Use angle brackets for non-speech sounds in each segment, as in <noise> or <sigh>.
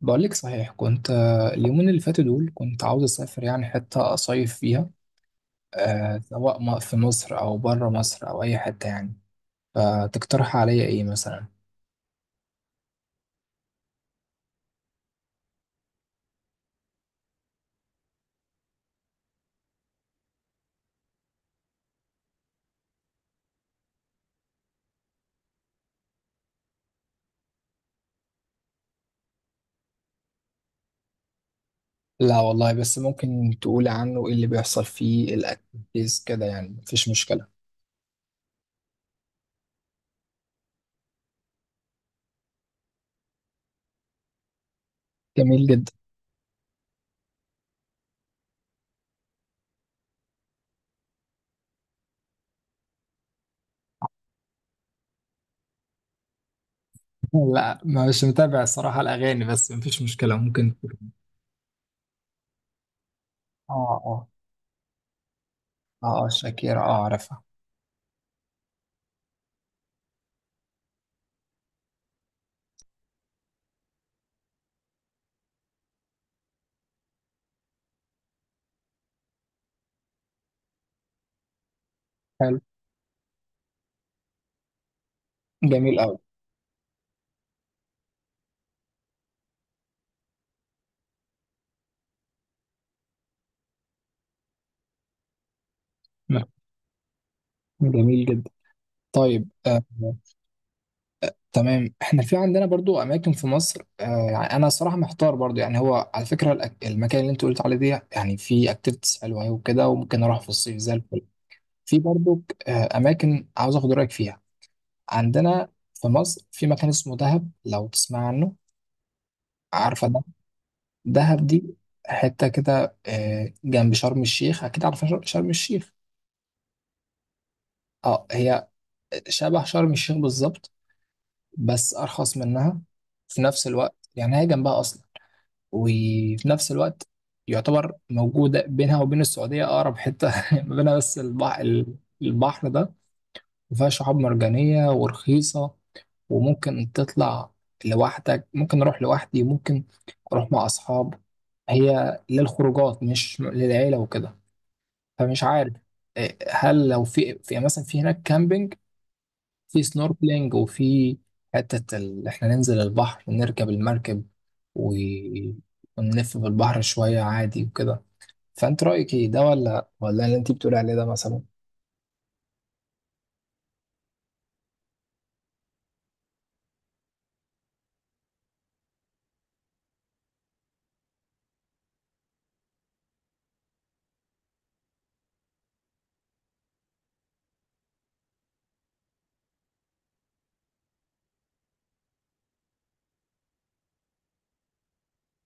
بقول لك صحيح كنت اليومين اللي فاتوا دول كنت عاوز اسافر يعني حته اصيف فيها. سواء في مصر او بره مصر او اي حته يعني. فتقترح عليا ايه مثلا؟ لا والله، بس ممكن تقول عنه ايه اللي بيحصل فيه الاكتيفيتيز كده؟ يعني مفيش مشكله. جميل جدا. لا، مش متابع الصراحه الاغاني، بس مفيش مشكله ممكن. اه. اه، اه، شاكيرا، اه، اعرفها. حلو. جميل قوي. جميل جدا. طيب، آه. تمام، احنا في عندنا برضو اماكن في مصر، يعني انا صراحه محتار برضو. يعني هو على فكره المكان اللي انت قلت عليه ده يعني في اكتيفيتيز حلوه أوي وكده، وممكن اروح في الصيف زي الفل. في برضو اماكن عاوز اخد رايك فيها. عندنا في مصر في مكان اسمه دهب، لو تسمع عنه. عارفه ده؟ دهب دي، حته كده جنب شرم الشيخ. اكيد عارفه شرم الشيخ. اه، هي شبه شرم الشيخ بالظبط، بس ارخص منها. في نفس الوقت يعني هي جنبها اصلا، وفي نفس الوقت يعتبر موجودة بينها وبين السعودية. أقرب حتة <laughs> ما بينها بس البحر، البحر ده. وفيها شعاب مرجانية ورخيصة، وممكن تطلع لوحدك، ممكن أروح لوحدي، ممكن أروح مع أصحاب. هي للخروجات مش للعيلة وكده. فمش عارف. إيه، هل لو في مثلا في هناك كامبينج، في سنوركلينج، وفي حتة إحنا ننزل البحر، نركب المركب و... ونلف في البحر شوية عادي وكده. فأنت رأيك إيه ده ولا اللي أنت بتقولي عليه ده مثلا؟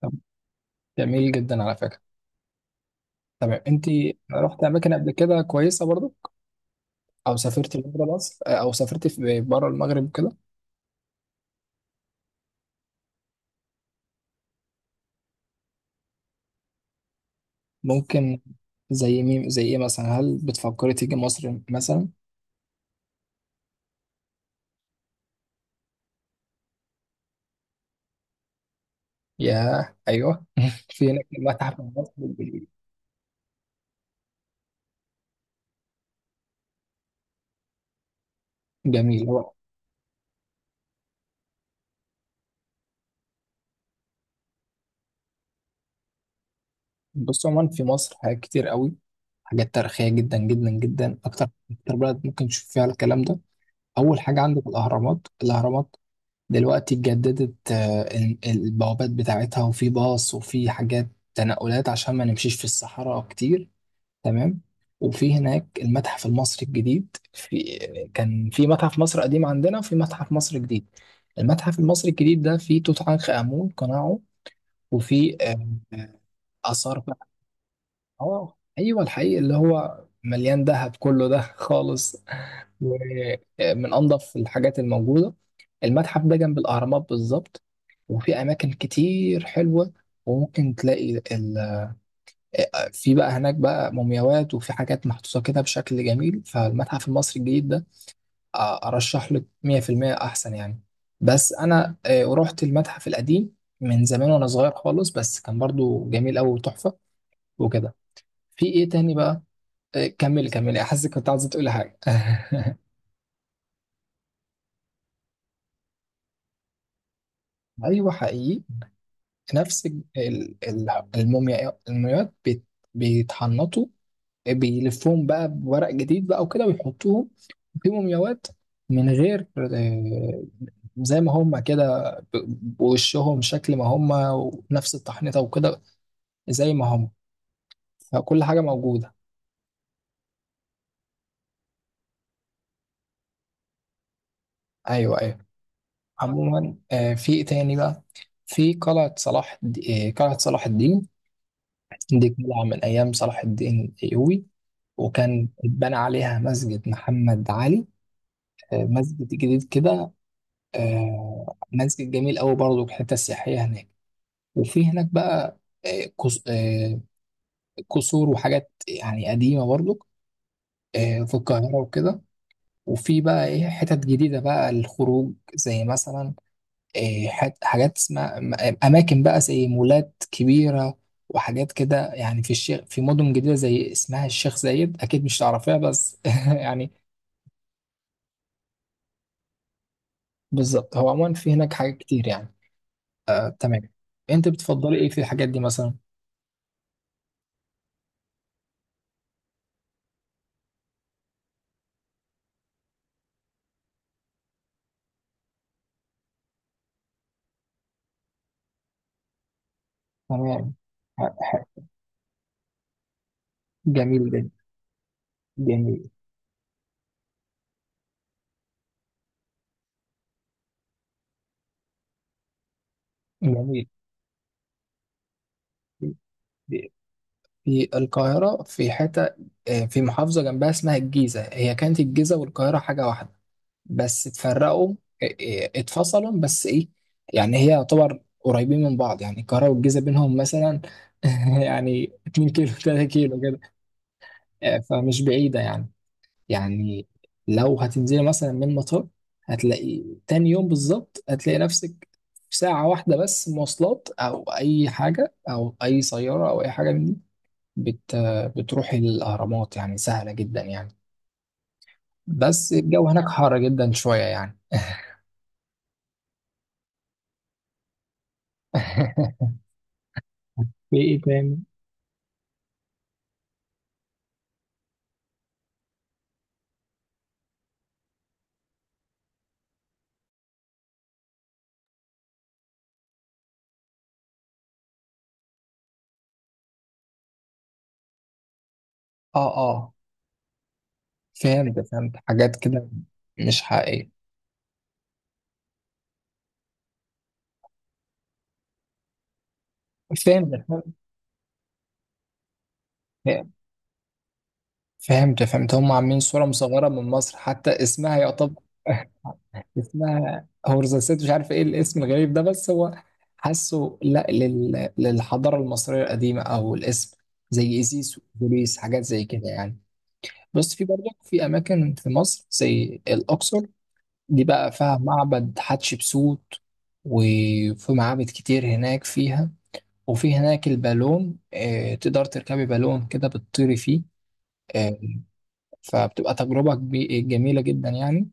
طب، جميل جدا على فكرة. تمام، أنت رحت أماكن قبل كده كويسة برضو؟ أو سافرت بره مصر؟ أو سافرت في بره المغرب كده؟ ممكن. زي مين، زي إيه مثلا؟ هل بتفكري تيجي مصر مثلا؟ ياه، أيوه <laughs> في هناك المتحف المصري الجميل هو. بص، عموما في مصر حاجات كتير قوي، حاجات تاريخية جدا جدا جدا، أكتر أكتر بلد ممكن تشوف فيها الكلام ده. أول حاجة عندك الأهرامات، الأهرامات دلوقتي اتجددت، البوابات بتاعتها، وفي باص وفي حاجات تنقلات عشان ما نمشيش في الصحراء كتير. تمام. وفي هناك المتحف المصري الجديد. في كان في متحف مصر قديم عندنا، وفي متحف مصر جديد. المتحف المصري الجديد ده فيه توت عنخ آمون، قناعه وفيه آثار. اه، ايوه، الحقيقي اللي هو مليان ذهب كله ده خالص. ومن انظف الحاجات الموجوده. المتحف ده جنب الاهرامات بالظبط. وفي اماكن كتير حلوه، وممكن تلاقي. في بقى هناك بقى مومياوات، وفي حاجات محطوطه كده بشكل جميل فالمتحف المصري الجديد ده. ارشح لك 100% احسن يعني. بس انا رحت المتحف القديم من زمان وانا صغير خالص، بس كان برضو جميل قوي وتحفه وكده. في ايه تاني بقى؟ إيه، كملي كملي، احس كنت عايزه تقولي حاجه <laughs> ايوه، حقيقي. نفس ال- ال- الموميا المومياوات بيتحنطوا، بيلفوهم بقى بورق جديد بقى وكده، ويحطوهم في مومياوات من غير، زي ما هم كده بوشهم شكل ما هم، ونفس التحنيطه وكده، زي ما هم. فكل حاجه موجوده. ايوه، ايوه. عموما، في ايه تاني بقى؟ في قلعه صلاح الدين. دي قلعة من أيام صلاح الدين الأيوبي، وكان اتبنى عليها مسجد محمد علي، مسجد جديد كده، مسجد جميل أوي برضه، الحتة السياحية هناك. وفي هناك بقى آه، قص- آه، قصور وحاجات يعني قديمة برضه، في القاهرة وكده. وفي بقى إيه حتت جديدة بقى للخروج، زي مثلا إيه، حاجات اسمها اماكن بقى زي مولات كبيره، وحاجات كده يعني في مدن جديده زي اسمها الشيخ زايد، اكيد مش تعرفيها بس <laughs> يعني. بالظبط، هو عموما في هناك حاجات كتير يعني. تمام. انت بتفضلي ايه في الحاجات دي مثلا؟ تمام. ح- ح- جميل جدا. جميل. جميل. في في القاهره، في حته في محافظه جنبها اسمها الجيزه. هي كانت الجيزه والقاهره حاجه واحده، بس اتفرقوا. إيه إيه، اتفصلوا بس ايه، يعني هي يعتبر قريبين من بعض. يعني القاهرة والجيزة بينهم مثلا <laughs> يعني 2 كيلو 3 كيلو كده. فمش بعيدة يعني، يعني لو هتنزلي مثلا من المطار، هتلاقي تاني يوم بالظبط هتلاقي نفسك في ساعة واحدة بس، مواصلات أو أي حاجة أو أي سيارة أو أي حاجة من دي، بت بتروحي الأهرامات يعني سهلة جدا يعني. بس الجو هناك حر جدا شوية يعني. <laughs> في ايه تاني؟ اه، اه. فهمت، فهمت حاجات كده. مش حقيقية. فهمت، فهمت، فهمت، فهمت، هم عاملين صورة مصغرة من مصر، حتى اسمها يعتبر <laughs> اسمها هورزاسات، مش عارف ايه الاسم الغريب ده، بس هو حاسه لا لل... للحضارة المصرية القديمة او الاسم، زي ازيس وبوليس، حاجات زي كده يعني. بس في برضه في اماكن في مصر زي الاقصر، دي بقى فيها معبد حتشبسوت، وفي معابد كتير هناك فيها. وفي هناك البالون، تقدر تركبي بالون كده بتطيري فيه، آه، فبتبقى تجربة جميلة جدا يعني.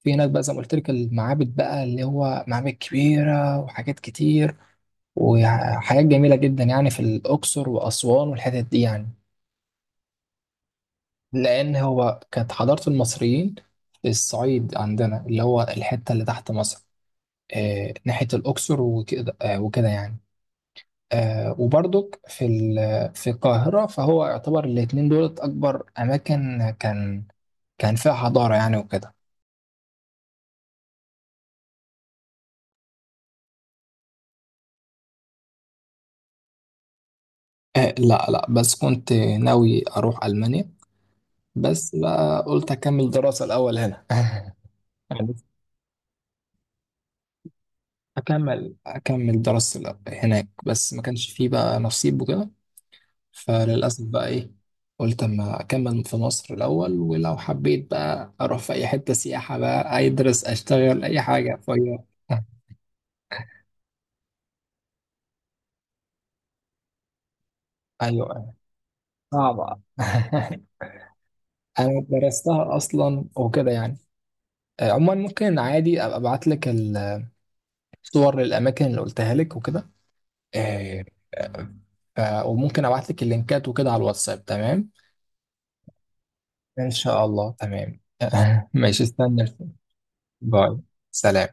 في هناك بقى زي ما قلت لك المعابد بقى، اللي هو معابد كبيرة وحاجات كتير، وحاجات جميلة جدا يعني، في الأقصر وأسوان والحتت دي يعني. لأن هو كانت حضارة المصريين في الصعيد عندنا، اللي هو الحتة اللي تحت مصر، ناحية الأقصر وكده، وكده يعني. وبرضك في القاهرة، فهو يعتبر الاتنين دولت أكبر أماكن كان فيها حضارة يعني وكده. لا، لا، بس كنت ناوي أروح ألمانيا، بس بقى قلت أكمل دراسة الأول هنا <laughs> يعني. أكمل دراستي هناك، بس ما كانش فيه بقى نصيب وكده. فللأسف بقى إيه، قلت أما أكمل في مصر الأول، ولو حبيت بقى أروح في أي حتة سياحة بقى أدرس أشتغل أي حاجة <laughs> ايوه صعبة <laughs> أنا درستها أصلا وكده يعني. عموما، ممكن عادي أبقى أبعت لك الصور للأماكن اللي قلتها لك وكده، آه، آه، وممكن أبعت لك اللينكات وكده على الواتساب. تمام. إن شاء الله. تمام <laughs> ماشي، استنى. باي، سلام.